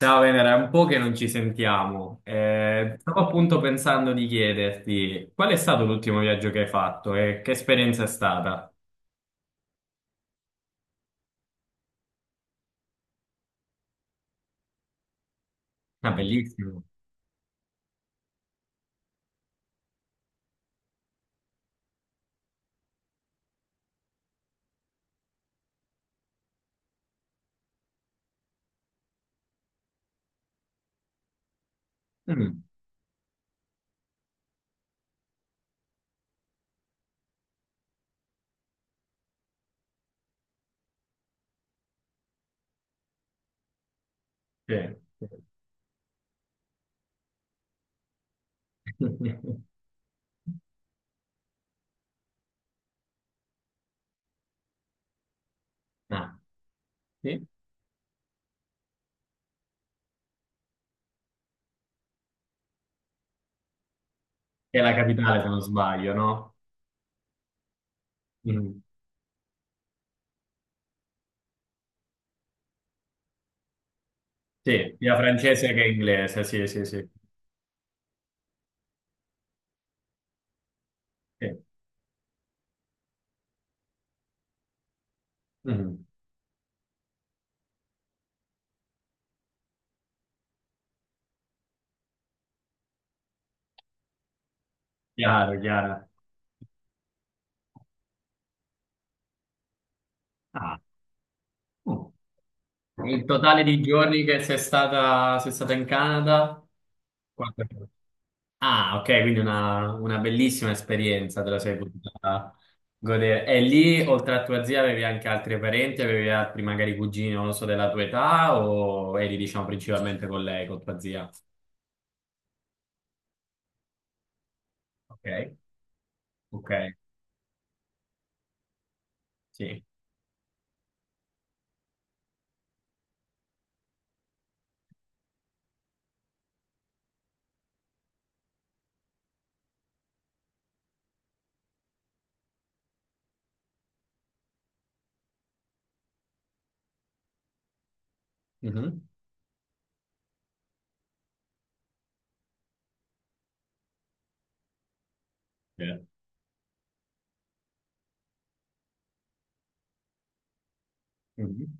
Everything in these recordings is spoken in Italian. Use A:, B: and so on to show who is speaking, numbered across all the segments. A: Ciao Venera, è un po' che non ci sentiamo. Stavo appunto pensando di chiederti qual è stato l'ultimo viaggio che hai fatto e che esperienza è stata? Ah, bellissimo. Mm, sì. Ah, sì. Che è la capitale, se non sbaglio, no? Mm. Sì, sia francese che inglese, sì, sì, sì. Sì. Mm. Chiaro, chiaro. Ah, oh. Il totale di giorni che sei stata in Canada? Quanto? Ah, ok, quindi una bellissima esperienza te la sei potuta godere. E lì, oltre a tua zia, avevi anche altri parenti, avevi altri magari cugini, non lo so, della tua età, o eri, diciamo, principalmente con lei, con tua zia? Ok, ok, sì. Mhm. Eh. Mhm.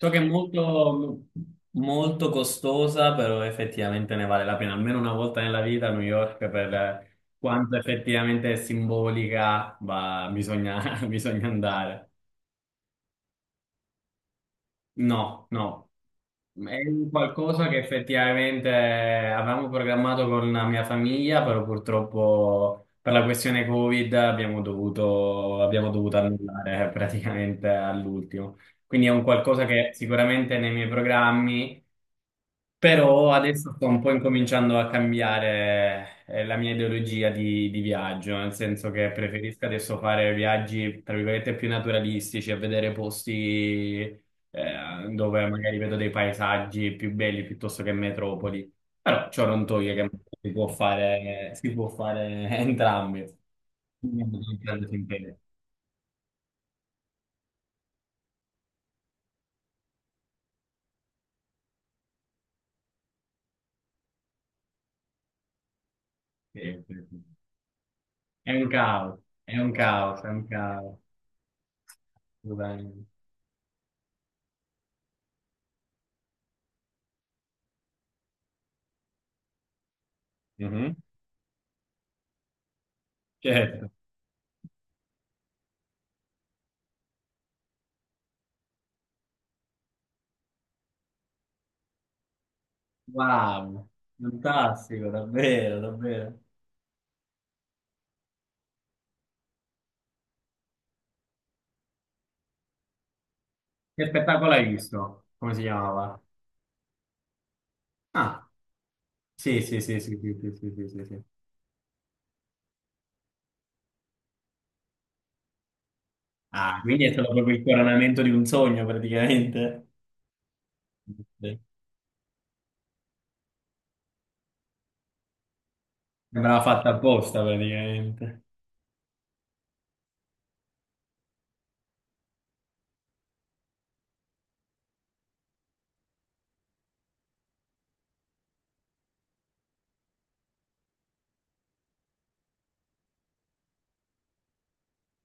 A: So che è molto, molto costosa, però effettivamente ne vale la pena, almeno una volta nella vita a New York per quanto effettivamente è simbolica, ma bisogna, bisogna andare. No, no. È un qualcosa che effettivamente avevamo programmato con la mia famiglia, però purtroppo per la questione Covid abbiamo dovuto annullare praticamente all'ultimo. Quindi è un qualcosa che sicuramente nei miei programmi, però adesso sto un po' incominciando a cambiare la mia ideologia di viaggio, nel senso che preferisco adesso fare viaggi, tra virgolette, più naturalistici, a vedere posti dove magari vedo dei paesaggi più belli piuttosto che metropoli. Però ciò non toglie che si può fare entrambi. Non prendo sempre- Sì, sì, sì. È un caos, è un caos, è un caos. Scusami. Mhm. Certo. Wow, fantastico, davvero, davvero. Che spettacolo hai visto? Come si chiamava? Ah, sì, sì, sì, sì, sì, sì, sì, sì, sì, sì. Ah, quindi è stato proprio il coronamento di un sogno, praticamente. Sì. Sembrava fatta apposta, praticamente.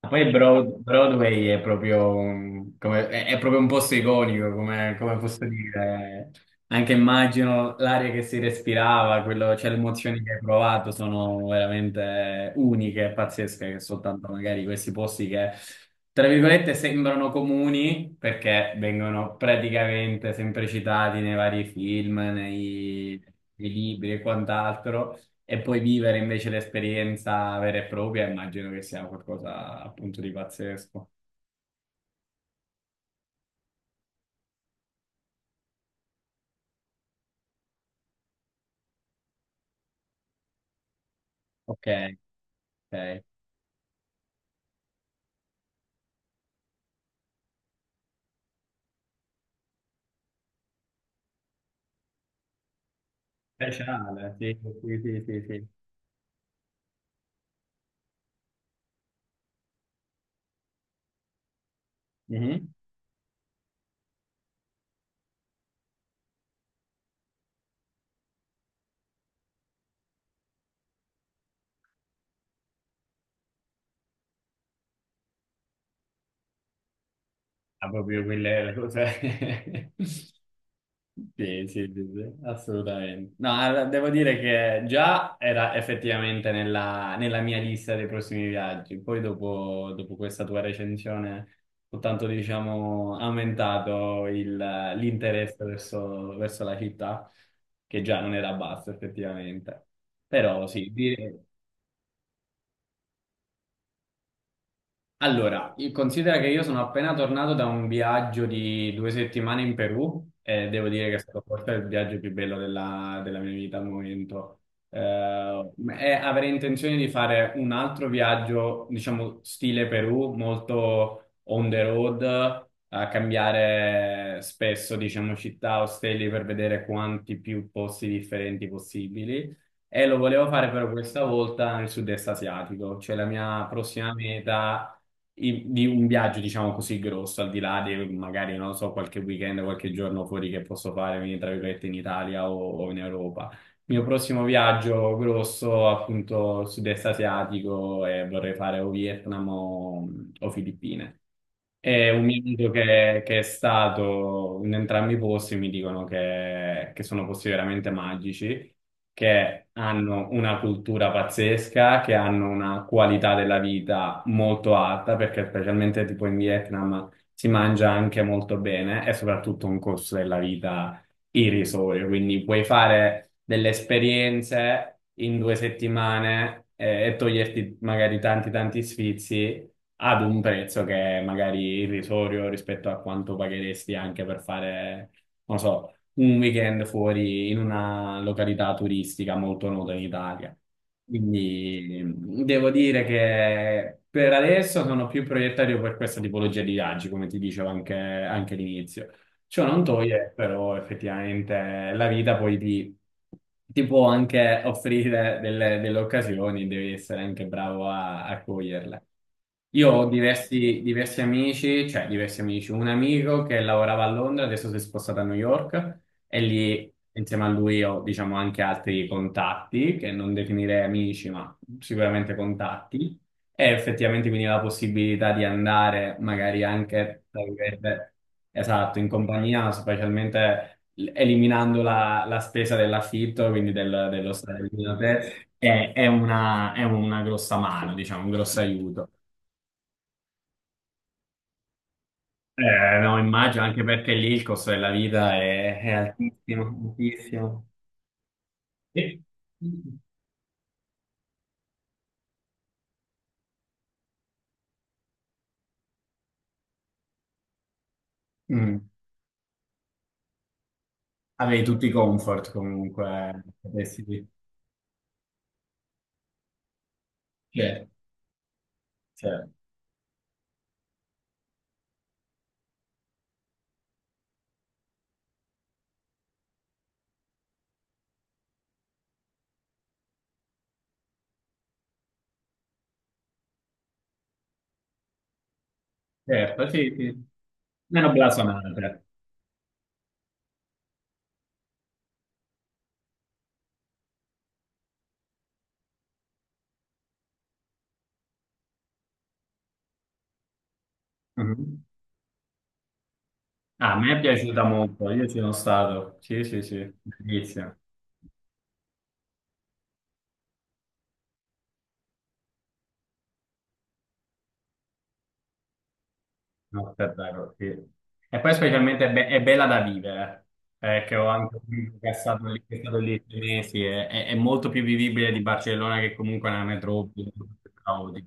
A: Poi Broadway è proprio, è proprio un posto iconico, come, posso dire. Anche immagino l'aria che si respirava, cioè le emozioni che hai provato sono veramente uniche e pazzesche, che soltanto magari questi posti che, tra virgolette, sembrano comuni perché vengono praticamente sempre citati nei vari film, nei libri e quant'altro. E poi vivere invece l'esperienza vera e propria, immagino che sia qualcosa appunto di pazzesco. Ok, ok. Speciale, sì, sì, sì, sì, sì. Mhm. Ah, proprio quella è la cosa. Sì, sì, sì, sì, assolutamente. No, allora, devo dire che già era effettivamente nella mia lista dei prossimi viaggi. Poi dopo questa tua recensione ho tanto, diciamo, aumentato l'interesse verso la città, che già non era basso effettivamente. Però sì. Allora, considera che io sono appena tornato da un viaggio di 2 settimane in Perù e devo dire che è stato forse il viaggio più bello della mia vita al momento. Eh, e avrei intenzione di fare un altro viaggio, diciamo, stile Perù, molto on the road, a cambiare spesso, diciamo, città, ostelli per vedere quanti più posti differenti possibili. E lo volevo fare però questa volta nel sud-est asiatico, cioè la mia prossima meta di un viaggio, diciamo così, grosso, al di là di magari, non lo so, qualche weekend, qualche giorno fuori che posso fare, quindi tra virgolette in Italia o in Europa. Il mio prossimo viaggio grosso, appunto, sud-est asiatico e vorrei fare o Vietnam o Filippine. E un mio amico che è stato in entrambi i posti mi dicono che, sono posti veramente magici, che hanno una cultura pazzesca, che hanno una qualità della vita molto alta, perché specialmente tipo in Vietnam si mangia anche molto bene e soprattutto un costo della vita i risori, quindi puoi fare delle esperienze in 2 settimane e toglierti magari tanti tanti sfizi ad un prezzo che è magari irrisorio rispetto a quanto pagheresti anche per fare, non so, un weekend fuori in una località turistica molto nota in Italia. Quindi devo dire che per adesso sono più proiettario per questa tipologia di viaggi, come ti dicevo anche all'inizio. Ciò non toglie però effettivamente la vita poi ti può anche offrire delle occasioni, devi essere anche bravo a coglierle. Io ho diversi amici, cioè diversi amici, un amico che lavorava a Londra, adesso si è spostato a New York e lì insieme a lui ho diciamo anche altri contatti che non definirei amici, ma sicuramente contatti. E effettivamente quindi la possibilità di andare magari anche, tra virgolette, esatto, in compagnia, specialmente eliminando la spesa dell'affitto, quindi dello stare lì da te, è una grossa mano, diciamo, un grosso aiuto. No, immagino anche perché lì il costo della vita è altissimo, altissimo. E- Mm. Avevi tutti i comfort comunque, potessi dire. Certo, certo, certo, sì, sì. Meno blasonate. Mhm. Ah, a me è piaciuta molto, io ci sono stato. Sì, sì, sì, bellissimo. No, davvero, sì. E poi specialmente è bella da vivere, che ho anche un amico che è stato lì, che è stato lì 3 mesi, è molto più vivibile di Barcellona che comunque è una metropoli. Caotica.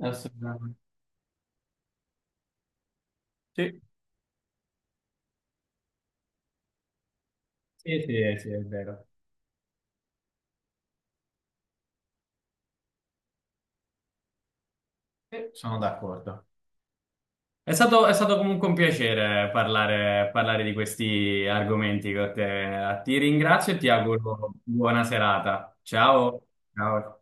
A: Assolutamente. Sì, sì, sì, sì, è vero. Sì, sono d'accordo. È stato comunque un piacere parlare di questi argomenti con te. Ti ringrazio e ti auguro buona serata. Ciao. Ciao.